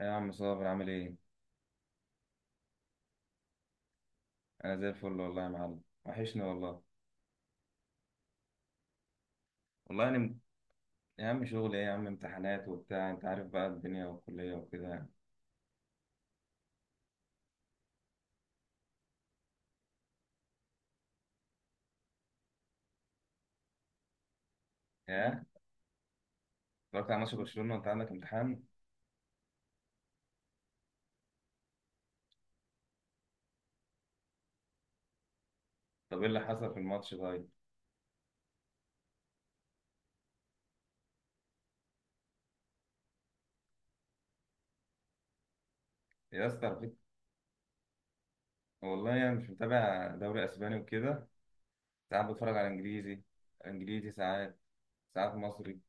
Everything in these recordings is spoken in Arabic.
إيه يا عم صابر عامل ايه؟ انا زي الفل والله يا معلم وحشني والله. والله انا م- يا عم شغل ايه يا عم، امتحانات وبتاع، انت عارف بقى الدنيا والكلية وكده يعني. ايه، اتفرجت على ماتش برشلونة وانت عندك امتحان؟ طب ايه اللي حصل في الماتش طيب؟ يا اسطى على فكرة، والله يعني مش متابع دوري اسباني وكده. ساعات بتفرج على انجليزي، انجليزي ساعات، ساعات مصري.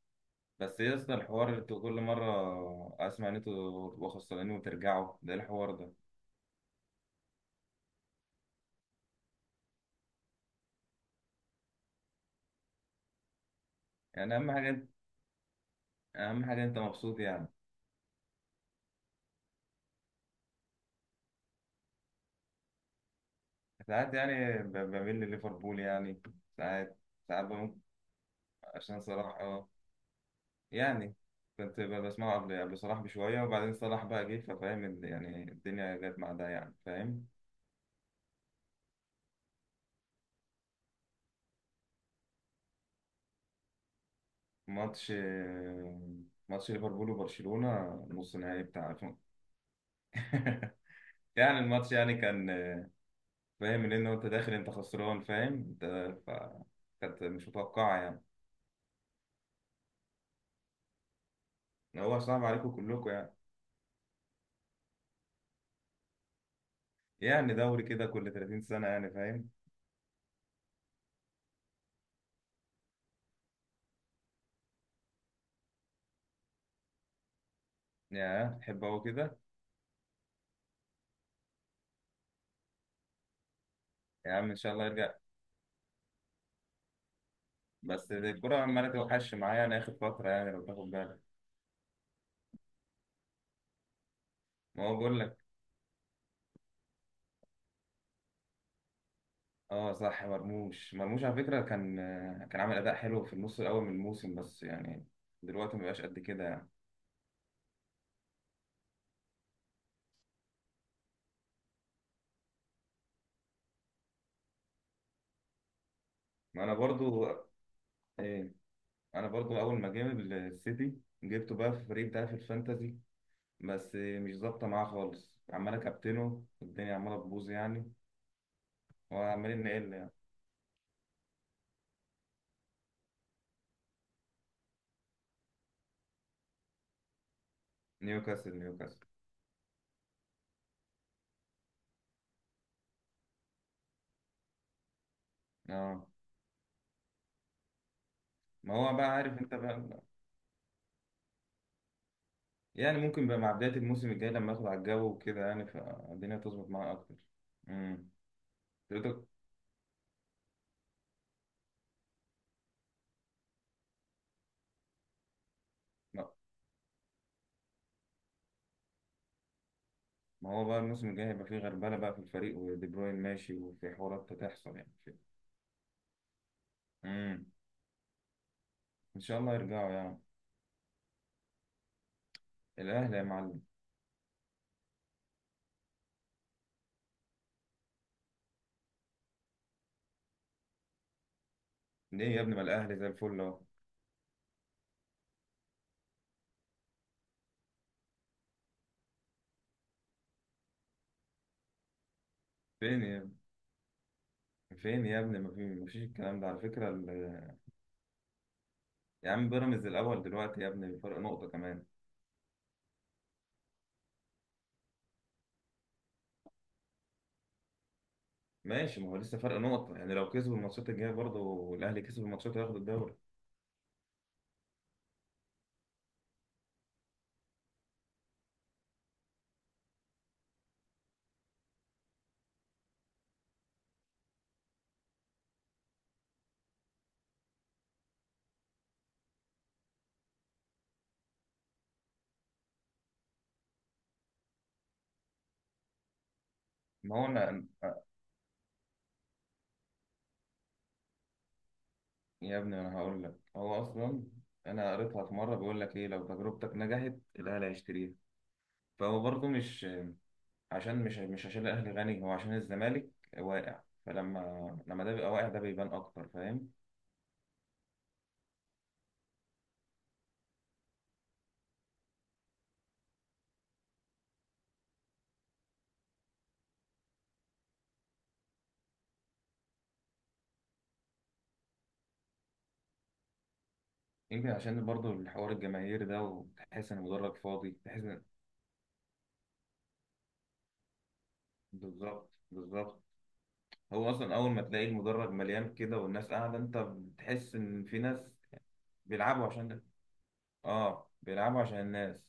بس يا اسطى الحوار اللي انتوا كل مرة اسمع ان انتوا تبقوا خسرانين وترجعوا، ده إيه الحوار ده؟ يعني اهم حاجة، اهم حاجة انت مبسوط يعني. ساعات يعني بميل لليفربول يعني، ساعات. ساعات بممكن، عشان صلاح اه. يعني كنت بسمعه قبل صلاح بشوية، وبعدين صلاح بقى جه، ففاهم يعني الدنيا جت مع ده يعني، فاهم. ماتش ماتش ليفربول وبرشلونة، نص نهائي بتاع 2000. يعني الماتش يعني كان، فاهم ان انت داخل انت خسران فاهم انت. ف كانت مش متوقعة يعني. هو صعب عليكم كلكم يعني. يعني دوري كده كل 30 سنة يعني، فاهم. يا تحب هو كده. يا عم ان شاء الله يرجع. بس الكرة عمالة توحش معايا يعني اخر فترة، يعني لو تاخد بالك. ما هو بقول لك، اه صح، مرموش، مرموش على فكرة كان، كان عامل اداء حلو في النص الاول من الموسم، بس يعني دلوقتي ما بقاش قد كده يعني. ما انا برضو ايه، انا برضو اول ما جه السيتي جبته بقى في الفريق بتاعي في الفانتازي. بس مش ظابطة معاه خالص، عمال اكابتنه الدنيا عمالة تبوظ يعني، وعمالين نقل يعني. نيوكاسل اه. ما هو بقى عارف انت بقى. يعني ممكن بقى مع بداية الموسم الجاي لما اخد على الجو وكده يعني، فالدنيا تظبط معايا اكتر. امم تقدر. ما ما هو بقى الموسم الجاي هيبقى فيه غربلة بقى في الفريق، ودي بروين ماشي، وفي حوارات هتحصل يعني. امم ان شاء الله يرجعوا يعني. الاهلي يا معلم. ليه يا ابني؟ ما الاهلي زي الفل اهو. فين يا ابني؟ فين يا ابني، ما في، مفيش الكلام ده على فكرة يا عم، بيراميدز الاول دلوقتي يا ابني بفرق نقطة كمان. ماشي، ما هو لسه فرق نقطة يعني، لو كسبوا الماتشات الجاية برضه والاهلي كسب الماتشات، هياخد الدوري. ما هو أنا- يا ابني انا هقول لك، هو اصلا، انا قريتها في مره، بيقول لك ايه، لو تجربتك نجحت الاهلي هيشتريها. فهو برضه مش، عشان مش عشان الاهلي غني، هو عشان الزمالك واقع. لما ده بيبقى واقع، ده بيبان اكتر فاهم. يمكن عشان برضه الحوار الجماهيري ده، وتحس ان المدرج فاضي، تحس ان. بالظبط، بالظبط. هو اصلا اول ما تلاقي المدرج مليان كده والناس قاعده، انت بتحس ان في ناس بيلعبوا عشان ده. اه بيلعبوا عشان الناس.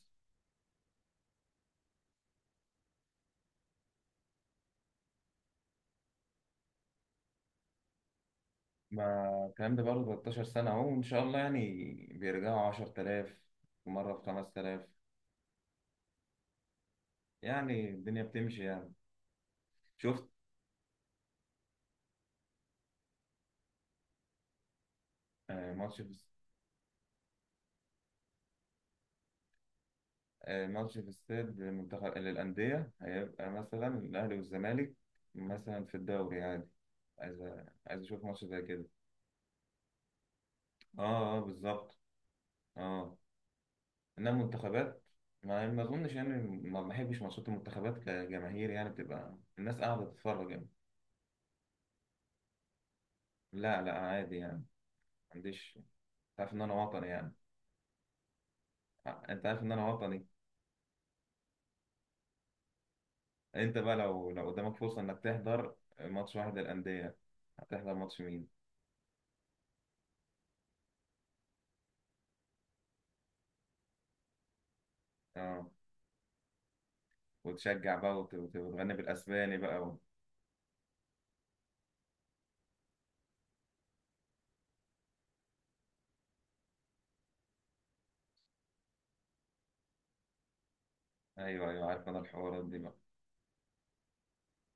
ما الكلام ده بقاله 13 سنة أهو، وإن شاء الله يعني بيرجعوا. 10,000 ومرة ب 5,000، يعني الدنيا بتمشي يعني. شفت، آه، ماتش في آه، ماتش في استاد، منتخب للأندية هيبقى مثلا الأهلي والزمالك، مثلا في الدوري عادي. عايز عايز أشوف ماتش زي كده. أه، أه بالظبط، أه. إنما المنتخبات، ما أظنش يعني، ما بحبش ماتشات المنتخبات كجماهير يعني، بتبقى الناس قاعدة تتفرج يعني. لا لا عادي يعني، ما عنديش. تعرف إن أنا وطني يعني. آه، انت عارف ان انا وطني. انت بقى لو قدامك فرصة انك تحضر ماتش واحد للأندية، هتحضر ماتش مين؟ اه، وتشجع بقى وتغني بالاسباني بقى و... ايوه ايوه عارف انا الحوارات دي بقى.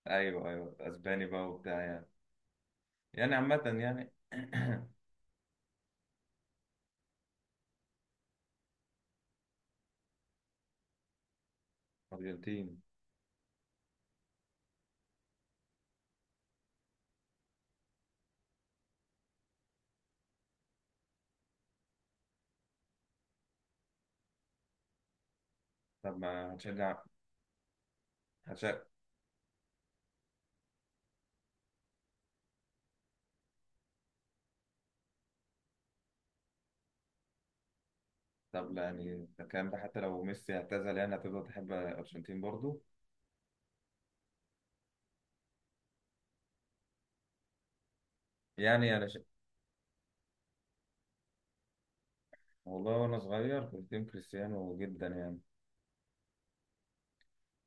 ايوه ايوه، اسباني بقى وبتاع يعني. يعني عامة يعني. ارجنتين. طب ما هتشجع. هتشجع. طب لا يعني، ده الكلام ده حتى لو ميسي اعتزل يعني هتفضل تحب الارجنتين برضو. يعني انا ش... والله وانا صغير كنت تيم كريستيانو جدا يعني،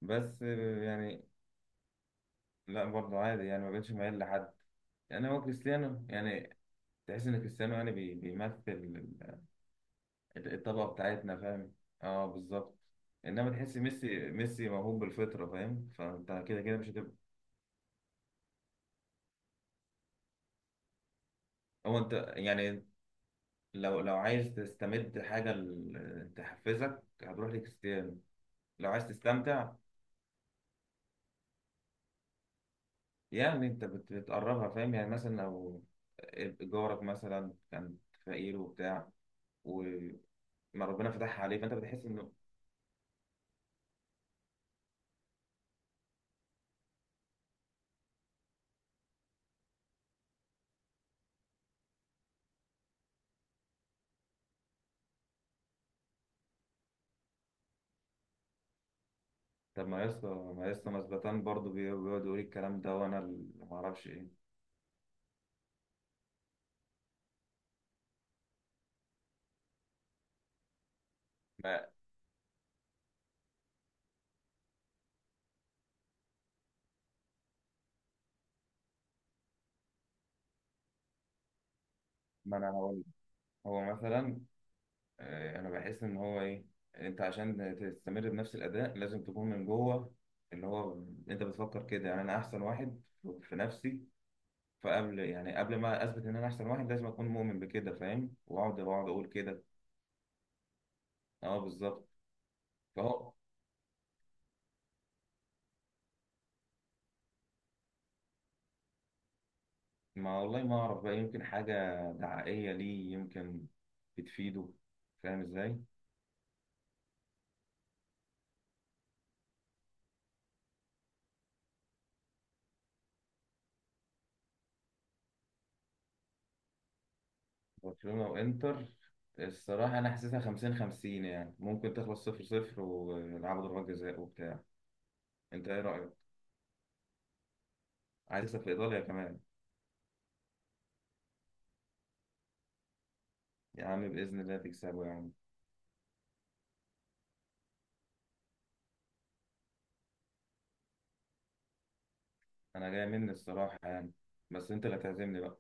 بس يعني. لا برضه عادي يعني، ما بقتش مايل لحد يعني. هو كريستيانو يعني، تحس ان كريستيانو يعني، بيمثل الطبقه بتاعتنا فاهم. اه بالظبط. انما تحس ميسي، ميسي موهوب بالفطره فاهم، فانت كده كده مش هتبقى. هو انت يعني، لو عايز تستمد حاجه تحفزك هتروح لكريستيانو، لو عايز تستمتع. يعني انت بتقربها فاهم، يعني مثلا لو جارك مثلا كان فقير وبتاع، و، ما ربنا فتحها عليه، فانت بتحس انه. طب ما يسطا، ما يسطا مثبتان برضه بيقعد يقول الكلام ده، وانا اللي ما اعرفش ايه. ما, ما انا هقول لك. هو مثلا آه، انا بحس ان هو ايه، انت عشان تستمر بنفس الاداء لازم تكون من جوه، اللي هو انت بتفكر كده يعني، انا احسن واحد في نفسي. فقبل يعني قبل ما اثبت ان انا احسن واحد لازم اكون مؤمن بكده فاهم، واقعد، واقعد اقول كده. اه بالظبط. فهو، ما والله ما اعرف بقى، يمكن حاجه دعائيه ليه، يمكن بتفيده فاهم ازاي. برشلونة وانتر، الصراحة انا حاسسها 50 50 يعني، ممكن تخلص 0 0 ويلعبوا ضربات جزاء وبتاع. انت ايه رأيك؟ عايز تكسب في ايطاليا كمان. يا عم بإذن الله تكسبه يا عم. انا جاي مني الصراحة يعني، بس انت اللي تعزمني بقى.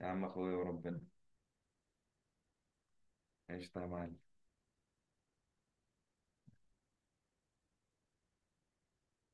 يا عم اخويا وربنا. قشطة يا معلم.